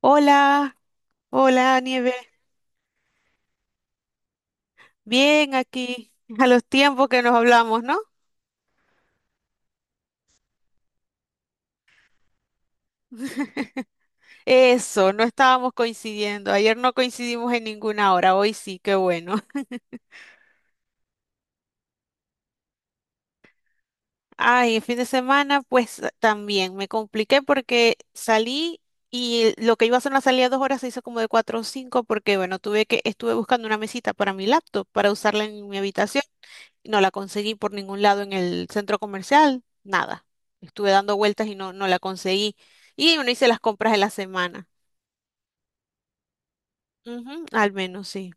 Hola, hola Nieve. Bien aquí, a los tiempos que nos hablamos, ¿no? Eso, no estábamos coincidiendo. Ayer no coincidimos en ninguna hora, hoy sí, qué bueno. Ay, el fin de semana, pues también me compliqué porque salí y lo que iba a ser una salida de dos horas se hizo como de cuatro o cinco porque, bueno, estuve buscando una mesita para mi laptop, para usarla en mi habitación. No la conseguí por ningún lado en el centro comercial, nada. Estuve dando vueltas y no la conseguí. Y uno hice las compras de la semana. Ujú, al menos sí.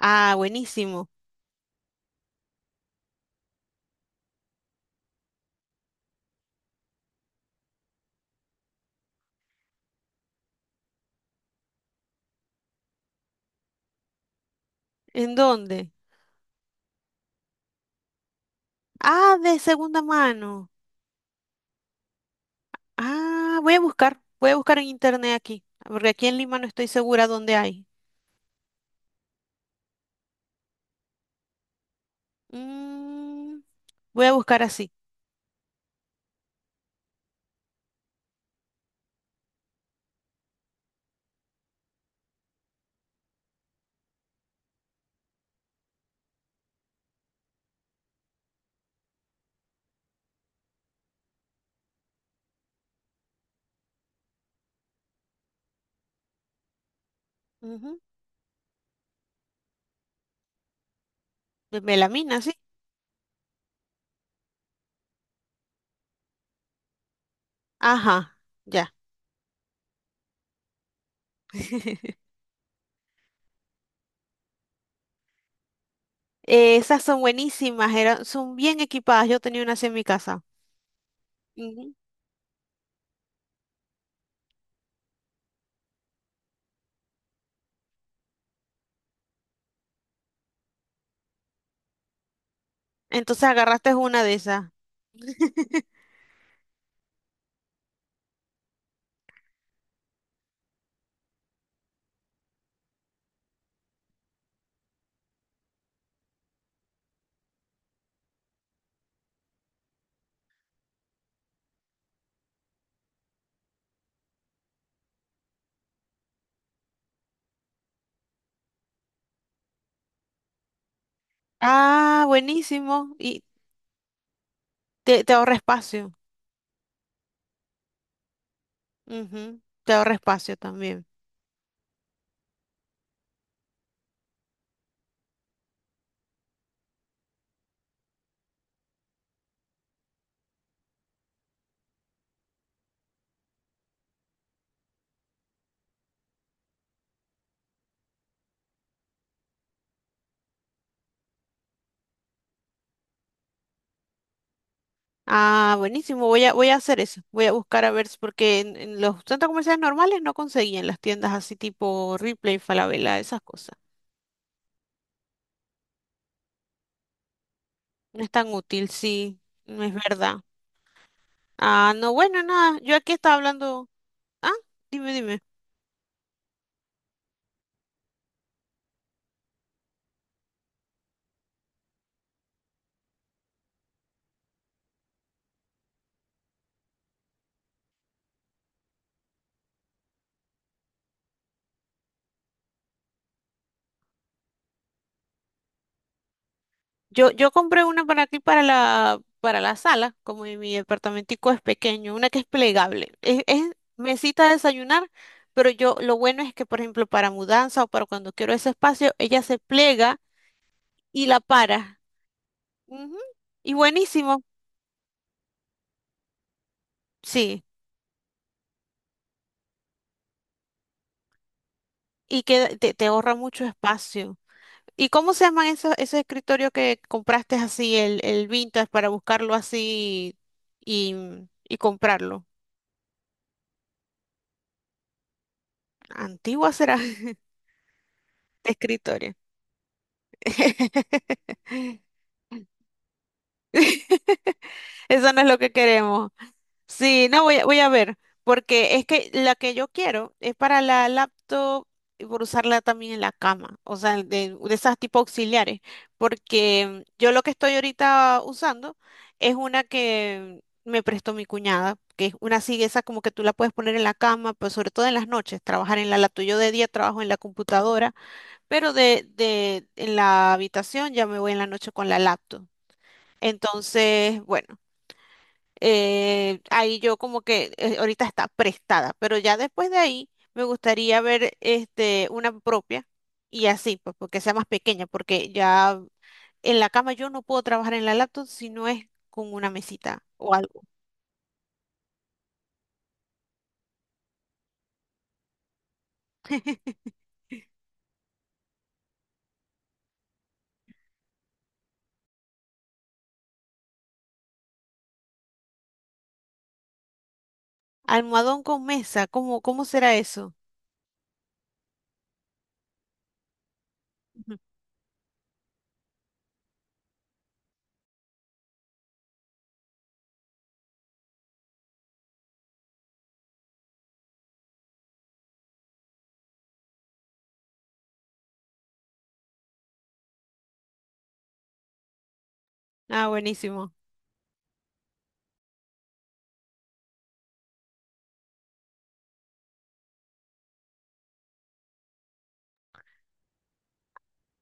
Ah, buenísimo. ¿En dónde? Ah, de segunda mano. Ah, voy a buscar en internet aquí, porque aquí en Lima no estoy segura dónde hay. Mm, voy a buscar así. Ujú. De melamina, sí. Ajá, ya. Esas son buenísimas, son bien equipadas. Yo tenía una así en mi casa. Entonces agarraste una de esas. Ah, buenísimo. Y te ahorra espacio. Ujú. Te ahorra espacio también. Ah, buenísimo. Voy a hacer eso. Voy a buscar a ver, si porque en los centros comerciales normales no conseguían las tiendas así tipo Ripley, Falabella, esas cosas. No es tan útil, sí, no es verdad. Ah, no, bueno, nada. Yo aquí estaba hablando. Ah, dime, dime. Yo compré una para aquí, para la sala, como mi departamentico es pequeño, una que es plegable. Es mesita de desayunar, pero yo lo bueno es que, por ejemplo, para mudanza o para cuando quiero ese espacio, ella se plega y la para. Ujú. Y buenísimo, sí. Y que te ahorra mucho espacio. ¿Y cómo se llaman esos escritorios que compraste así, el vintage, para buscarlo así y, y comprarlo? Antigua será de escritorio. Eso no es lo que queremos. Sí, no, voy a ver, porque es que la que yo quiero es para la laptop y por usarla también en la cama, o sea, de esas tipo auxiliares, porque yo lo que estoy ahorita usando es una que me prestó mi cuñada, que es una así, esa como que tú la puedes poner en la cama, pero sobre todo en las noches, trabajar en la laptop. Yo de día trabajo en la computadora, pero en la habitación ya me voy en la noche con la laptop. Entonces, bueno, ahí yo como que ahorita está prestada, pero ya después de ahí me gustaría ver este, una propia y así, pues porque sea más pequeña, porque ya en la cama yo no puedo trabajar en la laptop si no es con una mesita o algo. Almohadón con mesa, ¿cómo, cómo será eso? Ujú. Ah, buenísimo.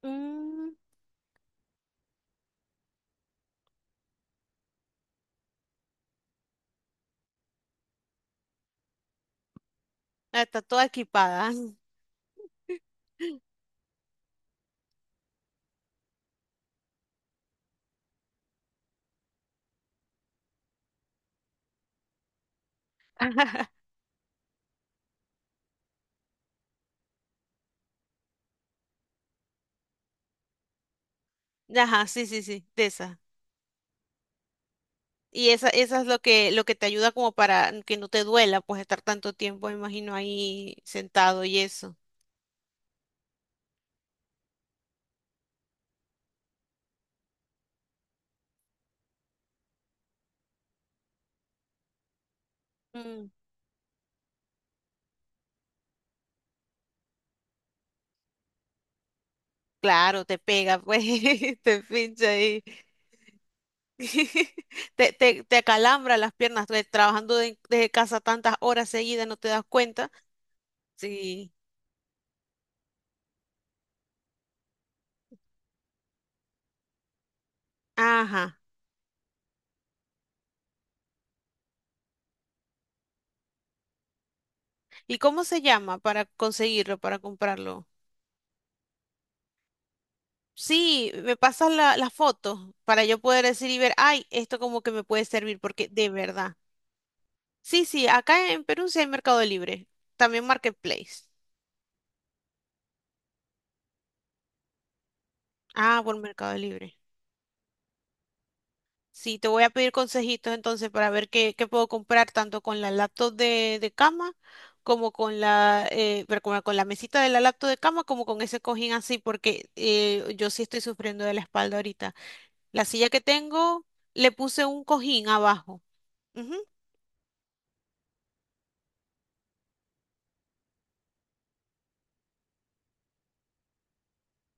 Mm, ah, está toda equipada. Ajá, sí, sí, sí, de esas. Y esa es lo que te ayuda como para que no te duela, pues estar tanto tiempo, me imagino, ahí sentado y eso. Mm. Claro, te pega, pues, te pincha ahí. Te acalambra las piernas, trabajando desde casa tantas horas seguidas, no te das cuenta. Sí. Ajá. ¿Y cómo se llama para conseguirlo, para comprarlo? Sí, me pasas las fotos para yo poder decir y ver, ay, esto como que me puede servir, porque de verdad. Sí, sí, acá en Perú sí hay Mercado Libre, también Marketplace. Ah, por Mercado Libre. Sí, te voy a pedir consejitos entonces para ver qué, qué puedo comprar tanto con la laptop de cama como con la, pero como con la mesita de la laptop de cama como con ese cojín así porque yo sí estoy sufriendo de la espalda ahorita. La silla que tengo le puse un cojín abajo. Ujú,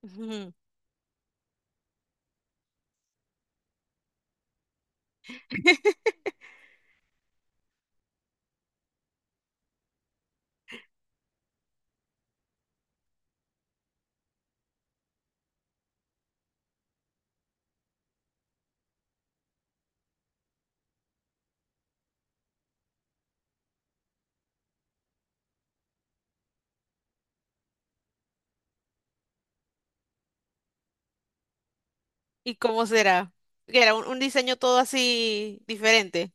ujú. ¿Y cómo será? Que era un diseño todo así diferente.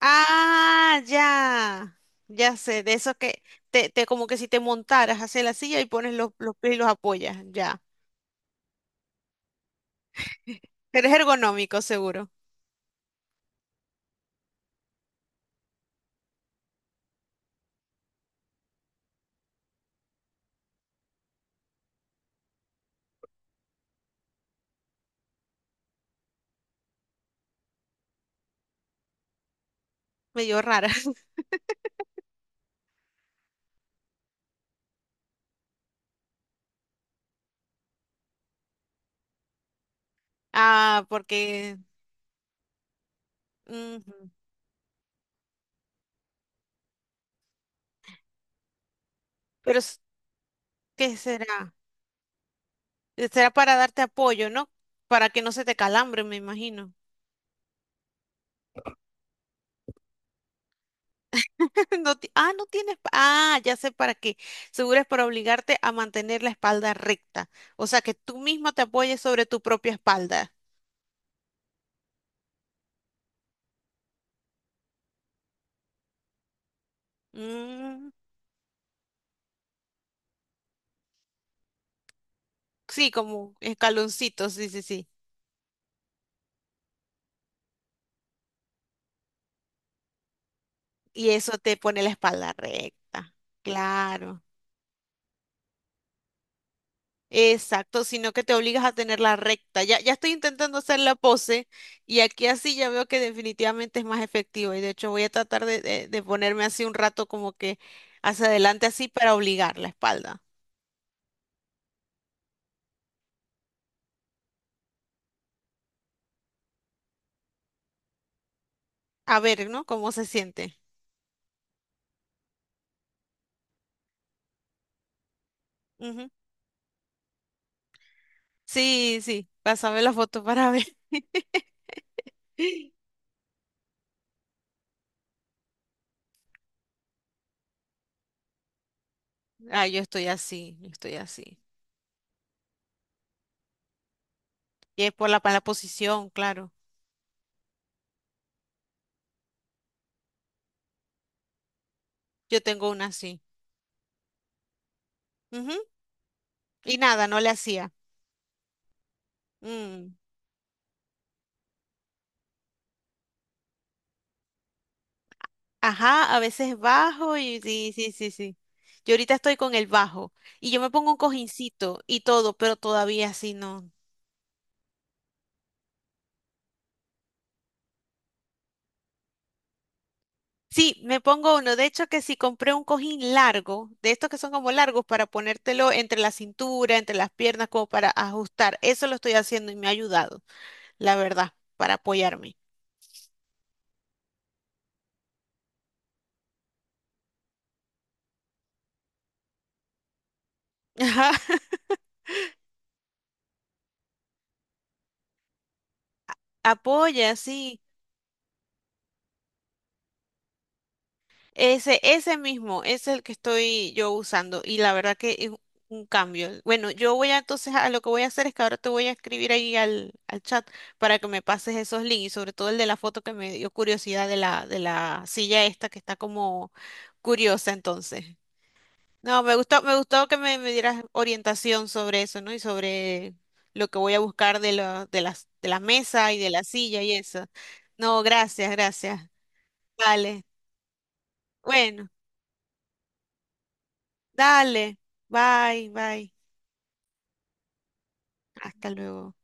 Ah, ya. Ya sé, de esos que te como que si te montaras, hacia la silla y pones los pies y los apoyas, ya. Pero es ergonómico, seguro. Medio rara. Ah, porque... ujú. Pero, s- ¿qué será? Será para darte apoyo, ¿no? Para que no se te calambre, me imagino. No ti- ah, no tienes... pa- Ah, ya sé para qué. Seguro es para obligarte a mantener la espalda recta. O sea, que tú mismo te apoyes sobre tu propia espalda. Mm. Sí, como escaloncitos, sí, sí, sí. Y eso te pone la espalda recta. Claro. Exacto, sino que te obligas a tenerla recta. Ya estoy intentando hacer la pose y aquí así ya veo que definitivamente es más efectivo. Y de hecho voy a tratar de ponerme así un rato como que hacia adelante así para obligar la espalda. A ver, ¿no? ¿Cómo se siente? Ujú. Sí, sí. Pásame la foto para ver. Ah, yo estoy así, yo estoy así. Y es por para la posición, claro. Yo tengo una así. Ujú. Y nada, no le hacía. Mm. Ajá, a veces bajo y sí, sí, sí, sí. Yo ahorita estoy con el bajo y yo me pongo un cojincito y todo, pero todavía así no. Sí, me pongo uno. De hecho, que si compré un cojín largo, de estos que son como largos para ponértelo entre la cintura, entre las piernas, como para ajustar. Eso lo estoy haciendo y me ha ayudado, la verdad, para apoyarme. Ajá, apoya, sí. Ese mismo, es el que estoy yo usando y la verdad que es un cambio. Bueno, yo voy a entonces a lo que voy a hacer es que ahora te voy a escribir ahí al chat para que me pases esos links y sobre todo el de la foto que me dio curiosidad de de la silla esta que está como curiosa entonces. No, me gustó que me dieras orientación sobre eso, ¿no? Y sobre lo que voy a buscar de de la mesa y de la silla y eso. No, gracias, gracias. Vale. Bueno. Dale, bye, bye. Hasta luego.